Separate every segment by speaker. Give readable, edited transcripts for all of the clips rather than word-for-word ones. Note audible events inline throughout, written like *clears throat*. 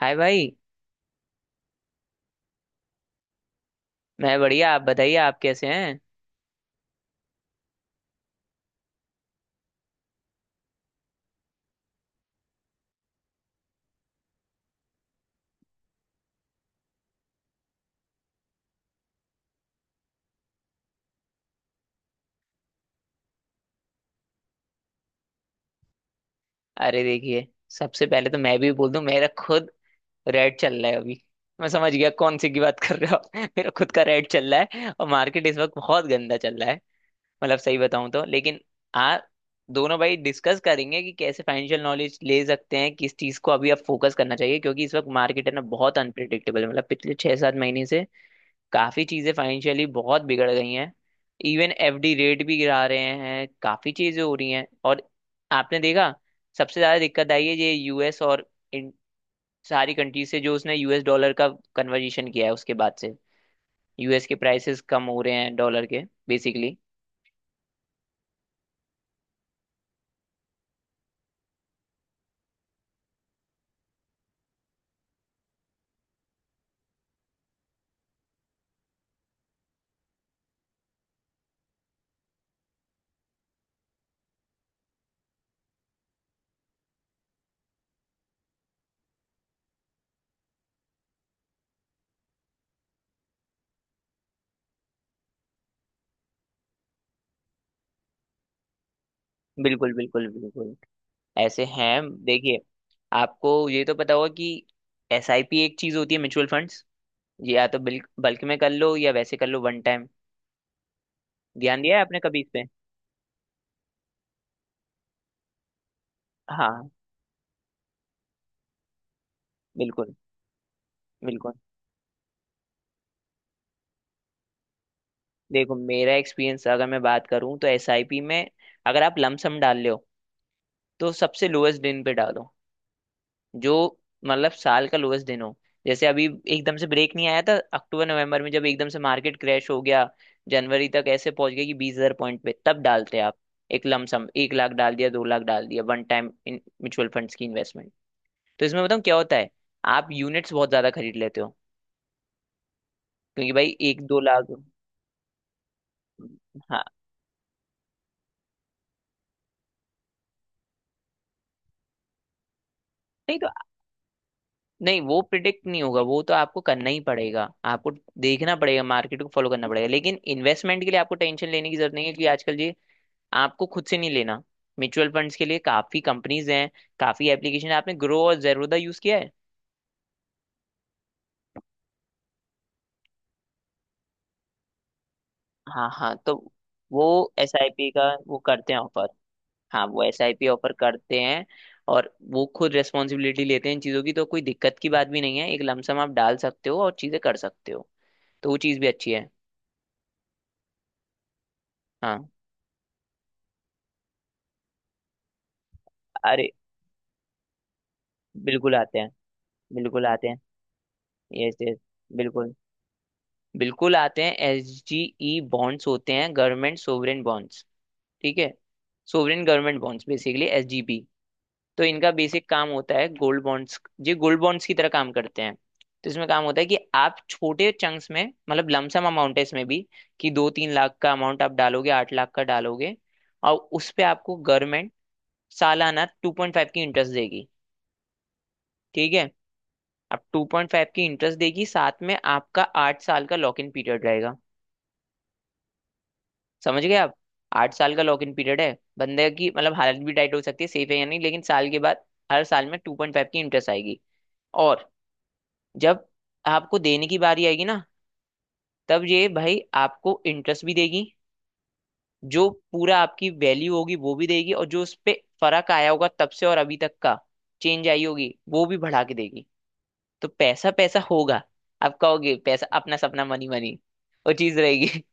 Speaker 1: हाय भाई। मैं बढ़िया, आप बताइए, आप कैसे हैं? अरे देखिए, सबसे पहले तो मैं भी बोल दूं, मेरा खुद रेड चल रहा है अभी। मैं समझ गया कौन सी की बात कर रहे हो आप। *laughs* मेरा खुद का रेड चल रहा है और मार्केट इस वक्त बहुत गंदा चल रहा है। मतलब सही बताऊं तो, लेकिन आ दोनों भाई डिस्कस करेंगे कि कैसे फाइनेंशियल नॉलेज ले सकते हैं, किस चीज को अभी आप फोकस करना चाहिए, क्योंकि इस वक्त मार्केट है ना बहुत अनप्रिडिक्टेबल है। मतलब पिछले छह सात महीने से काफी चीजें फाइनेंशियली बहुत बिगड़ गई हैं। इवन एफडी रेट भी गिरा रहे हैं, काफी चीजें हो रही हैं। और आपने देखा, सबसे ज्यादा दिक्कत आई है ये यूएस और इन सारी कंट्रीज से। जो उसने यूएस डॉलर का कन्वर्जेशन किया है, उसके बाद से यूएस के प्राइसेस कम हो रहे हैं डॉलर के, बेसिकली। बिल्कुल बिल्कुल बिल्कुल, ऐसे हैं, देखिए, आपको ये तो पता होगा कि एसआईपी एक चीज होती है, म्यूचुअल फंड्स। ये या तो बल्क में कर लो या वैसे कर लो, वन टाइम। ध्यान दिया है आपने कभी इस पे? हाँ, बिल्कुल बिल्कुल। देखो, मेरा एक्सपीरियंस अगर मैं बात करूं तो एसआईपी में अगर आप लमसम डाल रहे हो तो सबसे लोएस्ट दिन पे डालो, जो मतलब साल का लोएस्ट दिन हो। जैसे अभी एकदम से ब्रेक नहीं आया था अक्टूबर नवंबर में, जब एकदम से मार्केट क्रैश हो गया, जनवरी तक ऐसे पहुंच गया कि 20,000 पॉइंट पे, तब डालते आप एक लमसम, 1 लाख डाल दिया, 2 लाख डाल दिया one time in mutual funds की इन्वेस्टमेंट। तो इसमें बताऊँ क्या होता है, आप यूनिट्स बहुत ज्यादा खरीद लेते हो, क्योंकि भाई 1-2 लाख। हाँ। नहीं तो, नहीं वो प्रिडिक्ट नहीं होगा, वो तो आपको करना ही पड़ेगा, आपको देखना पड़ेगा, मार्केट को फॉलो करना पड़ेगा। लेकिन इन्वेस्टमेंट के लिए आपको टेंशन लेने की जरूरत नहीं है, क्योंकि आजकल ये आपको खुद से नहीं लेना, म्यूचुअल फंड्स के लिए काफी कंपनीज हैं, काफी एप्लीकेशन। आपने ग्रो और जेरोदा यूज किया है? हाँ हाँ, तो वो एस आई पी का वो करते हैं ऑफर। हाँ, वो एस आई पी ऑफर करते हैं और वो खुद रेस्पॉन्सिबिलिटी लेते हैं इन चीज़ों की, तो कोई दिक्कत की बात भी नहीं है, एक लमसम आप डाल सकते हो और चीज़ें कर सकते हो। तो वो चीज़ भी अच्छी है। हाँ। अरे बिल्कुल आते हैं, बिल्कुल आते हैं। यस यस, बिल्कुल, बिल्कुल आते हैं। एस जी ई बॉन्ड्स होते हैं, गवर्नमेंट सोवरेन बॉन्ड्स, ठीक है? Sovereign government bonds, basically S G B. तो इनका बेसिक काम होता है गोल्ड बॉन्ड्स, ये गोल्ड बॉन्ड्स की तरह काम करते हैं। तो इसमें काम होता है कि आप छोटे चंक्स में, मतलब लमसम अमाउंट है इसमें भी, कि 2-3 लाख का अमाउंट आप डालोगे, 8 लाख का डालोगे, और उस पे आपको गवर्नमेंट सालाना 2.5 की इंटरेस्ट देगी, ठीक है? आप 2.5 की इंटरेस्ट देगी, साथ में आपका 8 साल का लॉक इन पीरियड रहेगा। समझ गए आप? आठ साल का लॉक इन पीरियड है, बंदे की मतलब हालत भी टाइट हो सकती है। सेफ है या नहीं, लेकिन साल के बाद, हर साल में 2.5 की इंटरेस्ट आएगी। और जब आपको देने की बारी आएगी ना, तब ये भाई आपको इंटरेस्ट भी देगी, जो पूरा आपकी वैल्यू होगी वो भी देगी, और जो उस पे फर्क आया होगा तब से और अभी तक का, चेंज आई होगी वो भी बढ़ा के देगी। तो पैसा पैसा होगा, आप कहोगे पैसा अपना, सपना मनी मनी, वो चीज रहेगी।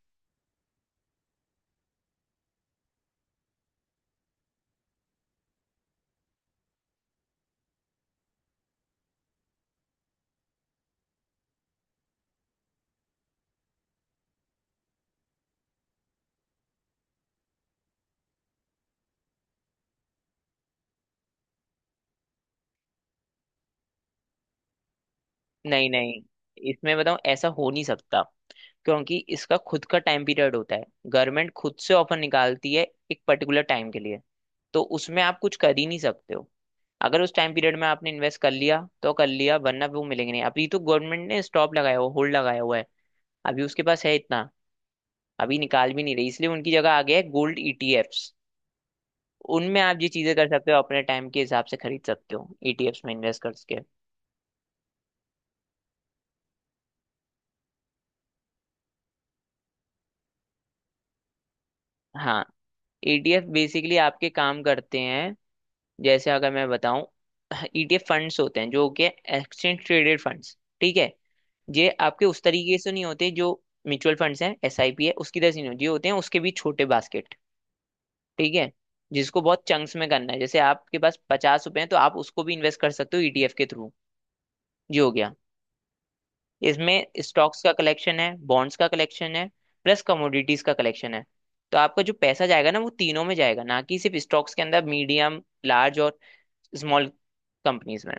Speaker 1: नहीं नहीं, इसमें बताऊं, ऐसा हो नहीं सकता, क्योंकि इसका खुद का टाइम पीरियड होता है। गवर्नमेंट खुद से ऑफर निकालती है एक पर्टिकुलर टाइम के लिए, तो उसमें आप कुछ कर ही नहीं सकते हो। अगर उस टाइम पीरियड में आपने इन्वेस्ट कर लिया तो कर लिया, वरना वो मिलेंगे नहीं। अभी तो गवर्नमेंट ने स्टॉप लगाया हुआ, होल्ड लगाया हुआ है, अभी उसके पास है इतना, अभी निकाल भी नहीं रही। इसलिए उनकी जगह आ गया है गोल्ड ईटीएफ्स। उनमें आप ये चीजें कर सकते हो, अपने टाइम के हिसाब से खरीद सकते हो, ईटीएफ्स में इन्वेस्ट करके। हाँ। ईटीएफ बेसिकली आपके काम करते हैं, जैसे अगर मैं बताऊं, *clears throat* ईटीएफ फंड्स होते हैं, जो कि एक्सचेंज ट्रेडेड फंड्स, ठीक है? ये आपके उस तरीके से नहीं होते जो म्यूचुअल फंड्स हैं, एसआईपी है उसकी तरह से नहीं होते। ये होते हैं उसके भी छोटे बास्केट, ठीक है? जिसको बहुत चंक्स में करना है, जैसे आपके पास 50 रुपए हैं तो आप उसको भी इन्वेस्ट कर सकते हो ईटीएफ के थ्रू। ये हो गया। इसमें स्टॉक्स का कलेक्शन है, बॉन्ड्स का कलेक्शन है, प्लस कमोडिटीज का कलेक्शन है। तो आपका जो पैसा जाएगा ना, वो तीनों में जाएगा, ना कि सिर्फ स्टॉक्स के अंदर, मीडियम, लार्ज और स्मॉल कंपनीज में।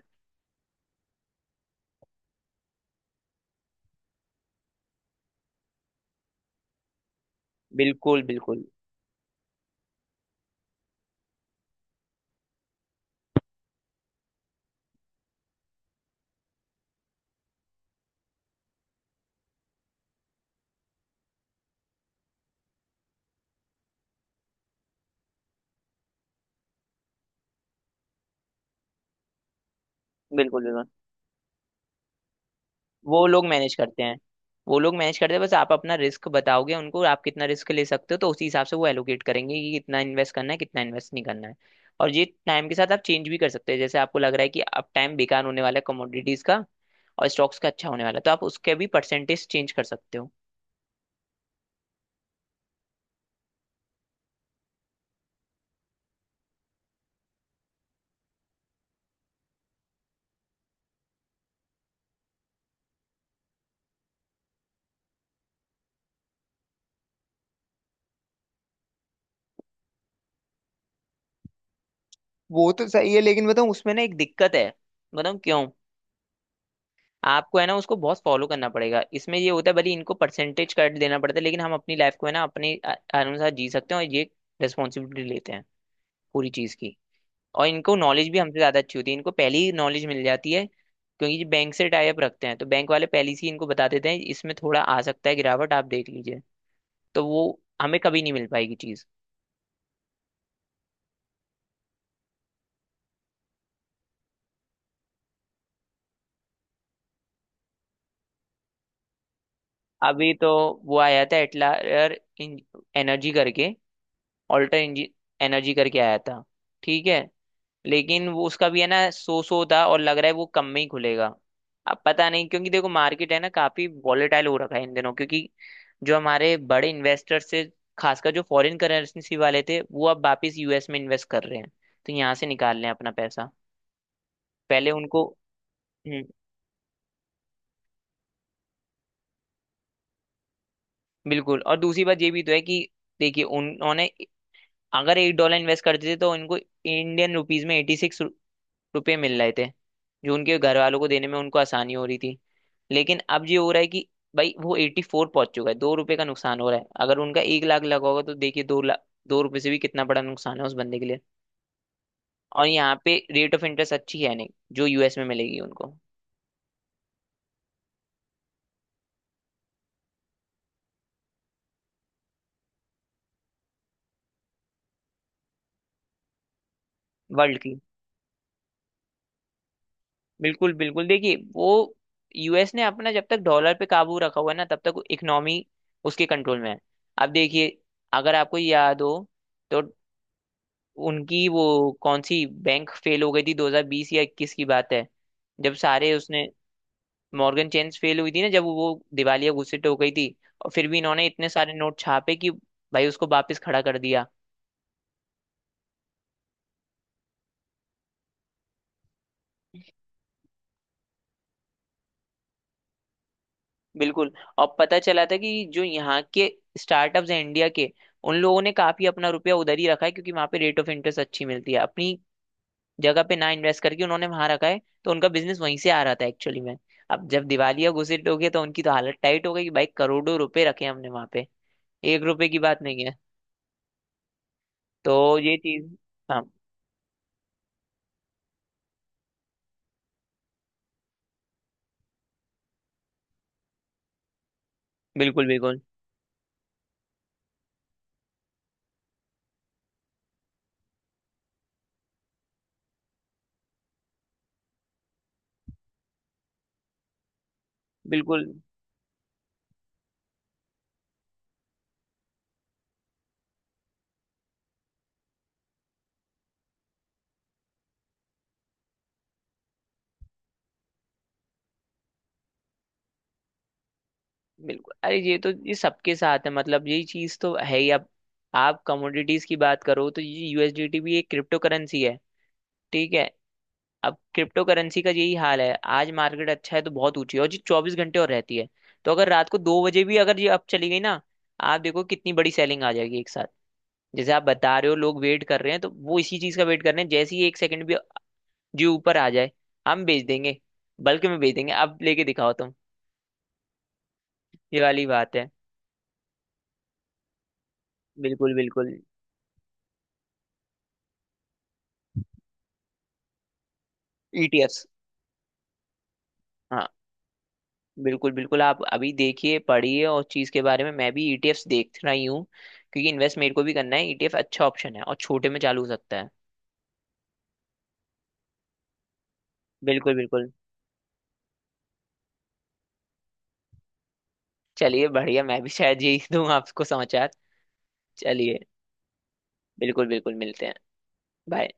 Speaker 1: बिल्कुल बिल्कुल, बिल्कुल बिल्कुल, वो लोग मैनेज करते हैं। वो लोग मैनेज करते हैं, बस आप अपना रिस्क बताओगे उनको, आप कितना रिस्क ले सकते हो, तो उसी हिसाब से वो एलोकेट करेंगे कि कितना इन्वेस्ट करना है, कितना इन्वेस्ट नहीं करना है। और ये टाइम के साथ आप चेंज भी कर सकते हैं, जैसे आपको लग रहा है कि अब टाइम बेकार होने वाला है कमोडिटीज का और स्टॉक्स का अच्छा होने वाला है, तो आप उसके भी परसेंटेज चेंज कर सकते हो। वो तो सही है, लेकिन बताऊँ, उसमें ना एक दिक्कत है। बताऊँ क्यों? आपको है ना, उसको बहुत फॉलो करना पड़ेगा। इसमें ये होता है, भले इनको परसेंटेज कट देना पड़ता है, लेकिन हम अपनी लाइफ को है ना अपने अनुसार जी सकते हैं, और ये रिस्पॉन्सिबिलिटी लेते हैं पूरी चीज़ की। और इनको नॉलेज भी हमसे ज़्यादा अच्छी होती है, इनको पहले ही नॉलेज मिल जाती है, क्योंकि बैंक से टाई अप रखते हैं, तो बैंक वाले पहले से ही इनको बता देते हैं, इसमें थोड़ा आ सकता है गिरावट, आप देख लीजिए। तो वो हमें कभी नहीं मिल पाएगी चीज़। अभी तो वो आया था एटलायर एनर्जी करके, ऑल्टर एनर्जी करके आया था, ठीक है? लेकिन वो उसका भी है ना सो था, और लग रहा है वो कम में ही खुलेगा। अब पता नहीं, क्योंकि देखो मार्केट है ना काफी वॉलेटाइल हो रखा है इन दिनों, क्योंकि जो हमारे बड़े इन्वेस्टर्स से, खासकर जो फॉरेन करेंसी वाले थे, वो अब वापस यूएस में इन्वेस्ट कर रहे हैं, तो यहाँ से निकाल रहे हैं अपना पैसा। पहले उनको। हम्म। बिल्कुल, और दूसरी बात ये भी तो है कि देखिए, उन्होंने अगर एक डॉलर इन्वेस्ट करते थे, तो इनको इंडियन रुपीज में 86 रुपए मिल रहे थे, जो उनके घर वालों को देने में उनको आसानी हो रही थी। लेकिन अब ये हो रहा है कि भाई वो 84 पहुंच चुका है, 2 रुपए का नुकसान हो रहा है, अगर उनका 1 लाख लगा होगा तो देखिए 2 लाख 2 रुपए से भी कितना बड़ा नुकसान है उस बंदे के लिए। और यहाँ पे रेट ऑफ इंटरेस्ट अच्छी है नहीं, जो यूएस में मिलेगी उनको। वर्ल्ड की, बिल्कुल बिल्कुल, देखिए, वो यूएस ने अपना जब तक डॉलर पे काबू रखा हुआ है ना, तब तक इकोनॉमी उसके कंट्रोल में है। अब देखिए, अगर आपको याद हो तो, उनकी वो कौन सी बैंक फेल हो गई थी 2020 या 21 की बात है, जब सारे उसने। मॉर्गन चेन्स फेल हुई थी ना, जब वो दिवालिया घोषित हो गई थी, और फिर भी इन्होंने इतने सारे नोट छापे कि भाई उसको वापस खड़ा कर दिया। बिल्कुल, और पता चला था कि जो यहाँ के स्टार्टअप्स हैं इंडिया के, उन लोगों ने काफी अपना रुपया उधर ही रखा है, क्योंकि वहां पे रेट ऑफ इंटरेस्ट अच्छी मिलती है, अपनी जगह पे ना इन्वेस्ट करके उन्होंने वहां रखा है, तो उनका बिजनेस वहीं से आ रहा था एक्चुअली में। अब जब दिवालिया घुसिट हो गया, तो उनकी तो हालत टाइट हो गई कि भाई करोड़ों रुपए रखे हैं हमने वहां पे, एक रुपए की बात नहीं है। तो ये चीज। हाँ बिल्कुल बिल्कुल, बिल्कुल बिल्कुल, अरे ये तो ये सबके साथ है, मतलब यही चीज तो है ही। अब आप कमोडिटीज की बात करो, तो ये यूएसडीटी भी एक क्रिप्टो करेंसी है, ठीक है? अब क्रिप्टो करेंसी का यही हाल है, आज मार्केट अच्छा है तो बहुत ऊंची है, और जी 24 घंटे और रहती है। तो अगर रात को 2 बजे भी अगर ये अप चली गई ना, आप देखो कितनी बड़ी सेलिंग आ जाएगी एक साथ। जैसे आप बता रहे हो लोग वेट कर रहे हैं, तो वो इसी चीज का वेट कर रहे हैं, जैसे ही एक सेकंड भी जी ऊपर आ जाए, हम बेच देंगे, बल्कि में बेच देंगे, अब लेके दिखाओ तुम। ये वाली बात है। बिल्कुल बिल्कुल। ईटीएफ्स, हाँ, बिल्कुल बिल्कुल, आप अभी देखिए पढ़िए, और चीज के बारे में मैं भी ईटीएफ्स देख रही हूँ, क्योंकि इन्वेस्ट मेरे को भी करना है। ईटीएफ अच्छा ऑप्शन है और छोटे में चालू हो सकता है। बिल्कुल बिल्कुल। चलिए बढ़िया, मैं भी शायद यही दूंगा आपको समाचार। चलिए, बिल्कुल बिल्कुल, मिलते हैं। बाय।